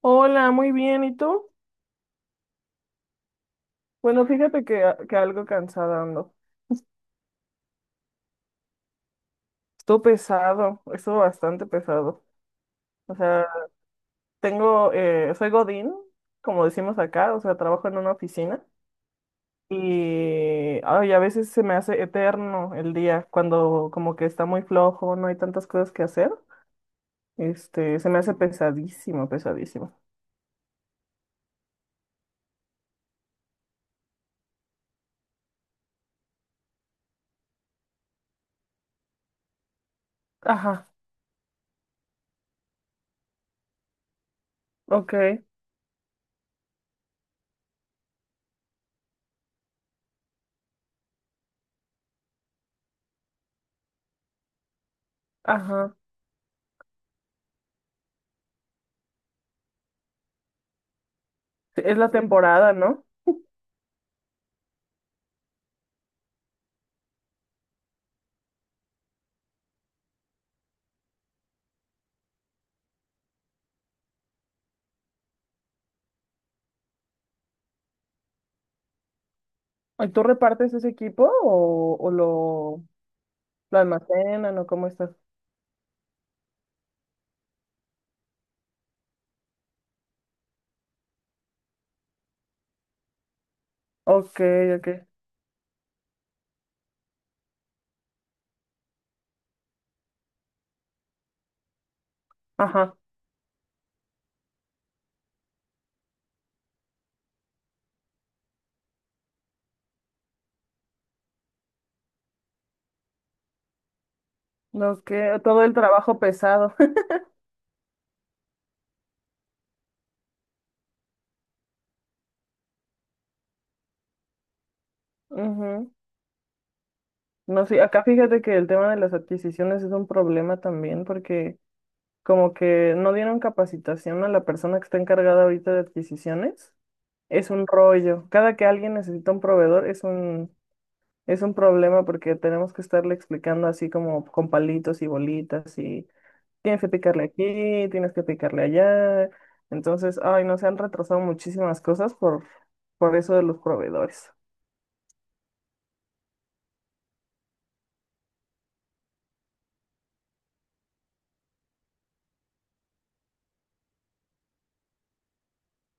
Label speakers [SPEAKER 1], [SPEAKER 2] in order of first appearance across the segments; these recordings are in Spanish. [SPEAKER 1] Hola, muy bien. ¿Y tú? Bueno, fíjate que algo cansada ando. Estuvo pesado, estuvo bastante pesado. O sea, tengo, soy Godín, como decimos acá, o sea, trabajo en una oficina y, ay, a veces se me hace eterno el día cuando como que está muy flojo, no hay tantas cosas que hacer. Este, se me hace pesadísimo, pesadísimo. Ajá, ok, ajá. Es la temporada, ¿no? ¿Y tú repartes ese equipo o lo almacenan o cómo estás. Ok, ok. Ajá. No, que todo el trabajo pesado. Ujú. No, sí, acá fíjate que el tema de las adquisiciones es un problema también porque como que no dieron capacitación a la persona que está encargada ahorita de adquisiciones. Es un rollo. Cada que alguien necesita un proveedor es un problema porque tenemos que estarle explicando así como con palitos y bolitas y tienes que picarle aquí, tienes que picarle allá. Entonces, ay, no, se han retrasado muchísimas cosas por eso de los proveedores.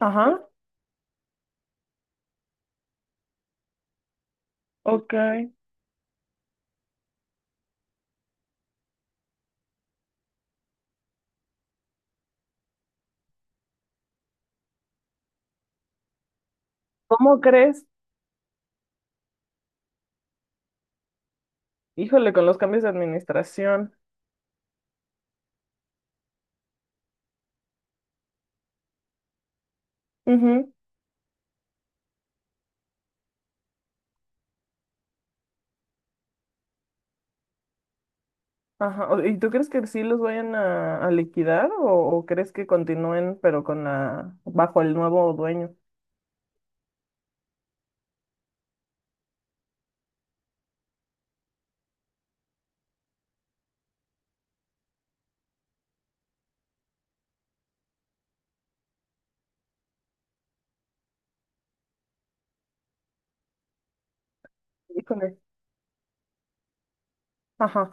[SPEAKER 1] Ajá, ok. ¿Cómo crees? Híjole, con los cambios de administración. Ujú. Ajá. ¿Y tú crees que sí los vayan a liquidar o crees que continúen pero con la bajo el nuevo dueño? Híjole. Ajá.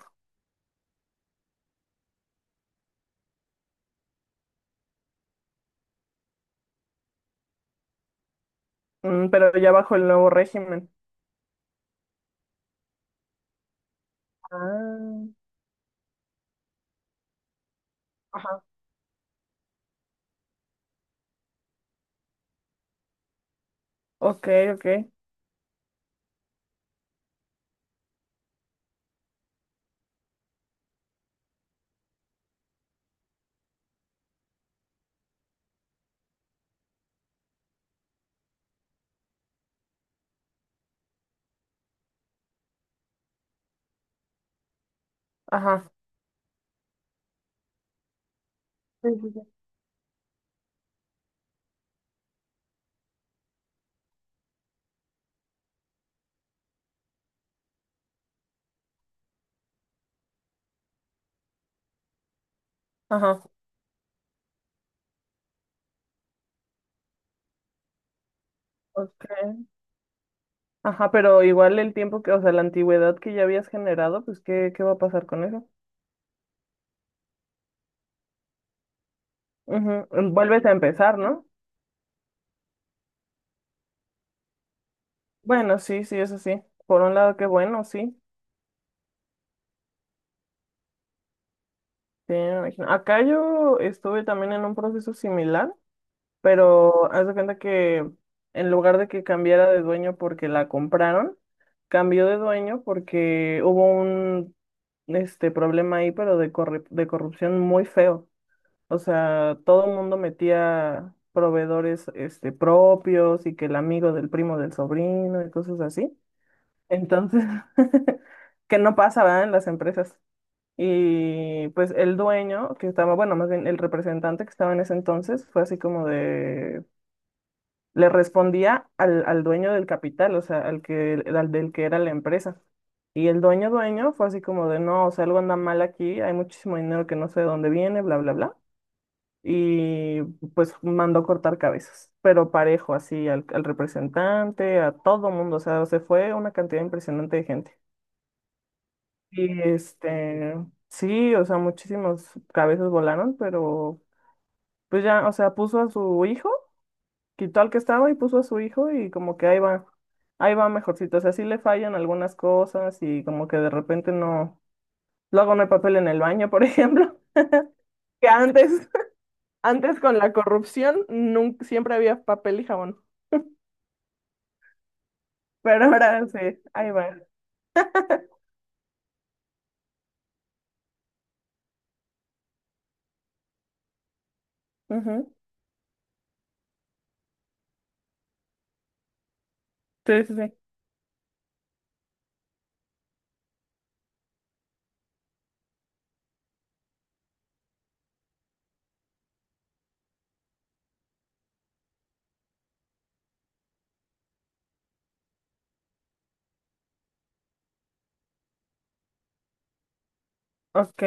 [SPEAKER 1] Mm, pero ya bajo el nuevo régimen. Ah, ajá. Ok, ok. Ajá. Sí, sí, sí. Ajá. Ok. Ajá, pero igual el tiempo que, o sea, la antigüedad que ya habías generado, pues, ¿qué, qué va a pasar con eso? Ujú. Mm, vuelves a empezar, ¿no? Bueno, sí, sí, eso sí. Por un lado, qué bueno, sí. Sí, me imagino. Acá yo estuve también en un proceso similar, pero haz de cuenta que en lugar de que cambiara de dueño porque la compraron, cambió de dueño porque hubo un este problema ahí, pero de corrupción muy feo. O sea, todo el mundo metía proveedores este, propios y que el amigo del primo del sobrino y cosas así. Entonces, que no pasa, ¿verdad? En las empresas. Y pues el dueño que estaba, bueno, más bien el representante que estaba en ese entonces, fue así como de, le respondía al dueño del capital, o sea, al que, al del que era la empresa. Y el dueño dueño fue así como de, no, o sea, algo anda mal aquí, hay muchísimo dinero que no sé de dónde viene, bla, bla, bla, y pues mandó cortar cabezas, pero parejo, así al representante, a todo mundo, o sea, se fue una cantidad impresionante de gente. Y este, sí, o sea, muchísimas cabezas volaron, pero pues ya, o sea, puso a su hijo, quitó al que estaba y puso a su hijo y como que ahí va mejorcito, o sea, sí le fallan algunas cosas y como que de repente no, luego no hay papel en el baño, por ejemplo, que antes, antes con la corrupción, nunca, siempre había papel y jabón. Pero ahora sí, ahí va. Ujú. Sí, sí, sí. Ok.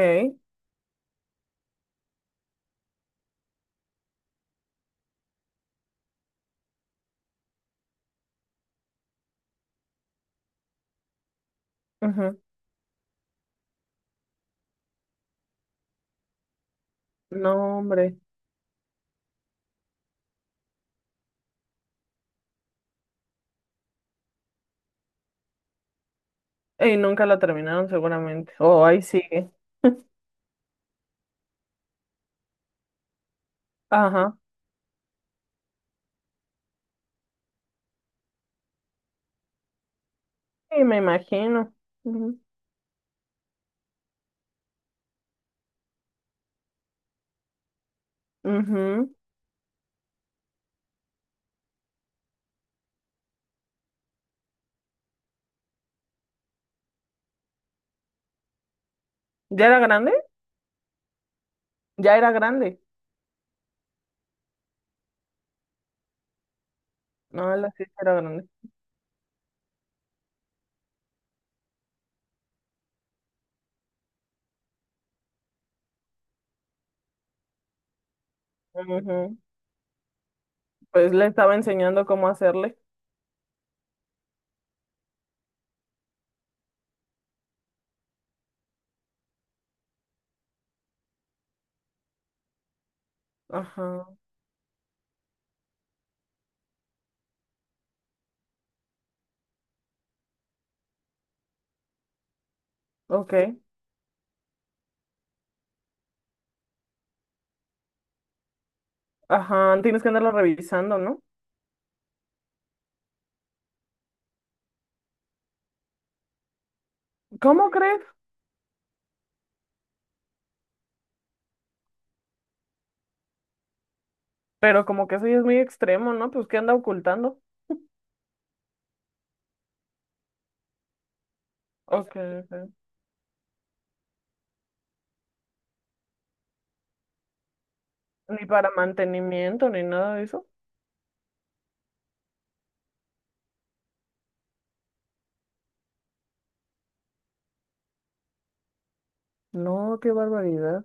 [SPEAKER 1] Ujú. No, hombre. Y nunca la terminaron seguramente. Oh, ahí sigue. Ajá. Sí, me imagino. Ujú, ujú. ¿Ya era grande? Ya era grande. No, la sí era grande. Ujú. Pues le estaba enseñando cómo hacerle. Ajá. Ok. Ajá. Tienes que andarlo revisando, ¿no? ¿Cómo crees? Pero como que eso ya es muy extremo, ¿no? Pues ¿qué anda ocultando? Ok, ok. Ni para mantenimiento, ni nada de eso. No, qué barbaridad.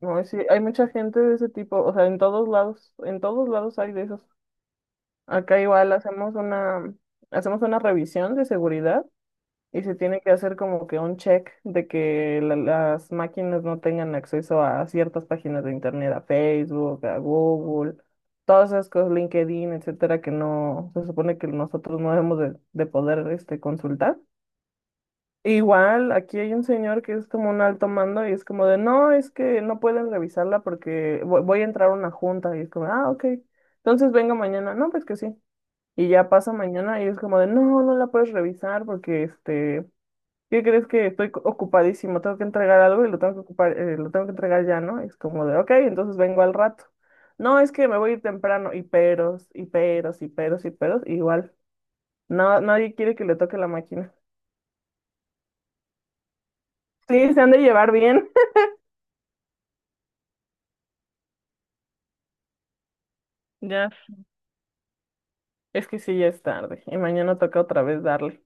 [SPEAKER 1] No, sí, hay mucha gente de ese tipo, o sea, en todos lados hay de esos. Acá igual hacemos una revisión de seguridad y se tiene que hacer como que un check de que las máquinas no tengan acceso a ciertas páginas de internet, a Facebook, a Google, todas esas cosas, LinkedIn, etcétera, que no, se supone que nosotros no debemos de poder este, consultar. Igual, aquí hay un señor que es como un alto mando y es como de, no, es que no pueden revisarla porque voy a entrar a una junta y es como, ah, ok, entonces venga mañana, no, pues que sí. Y ya pasa mañana y es como de, no, no la puedes revisar porque, este, ¿qué crees que estoy ocupadísimo? Tengo que entregar algo y lo tengo que ocupar, lo tengo que entregar ya, ¿no? Y es como de, ok, entonces vengo al rato. No, es que me voy a ir temprano y peros, y peros, y peros, y peros, igual. No, nadie quiere que le toque la máquina. Sí, se han de llevar bien. Ya es que sí, ya es tarde y mañana toca otra vez darle.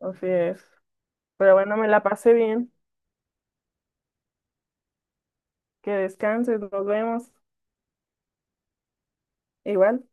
[SPEAKER 1] Así es. Pero bueno, me la pasé bien. Que descanses, nos vemos. Igual.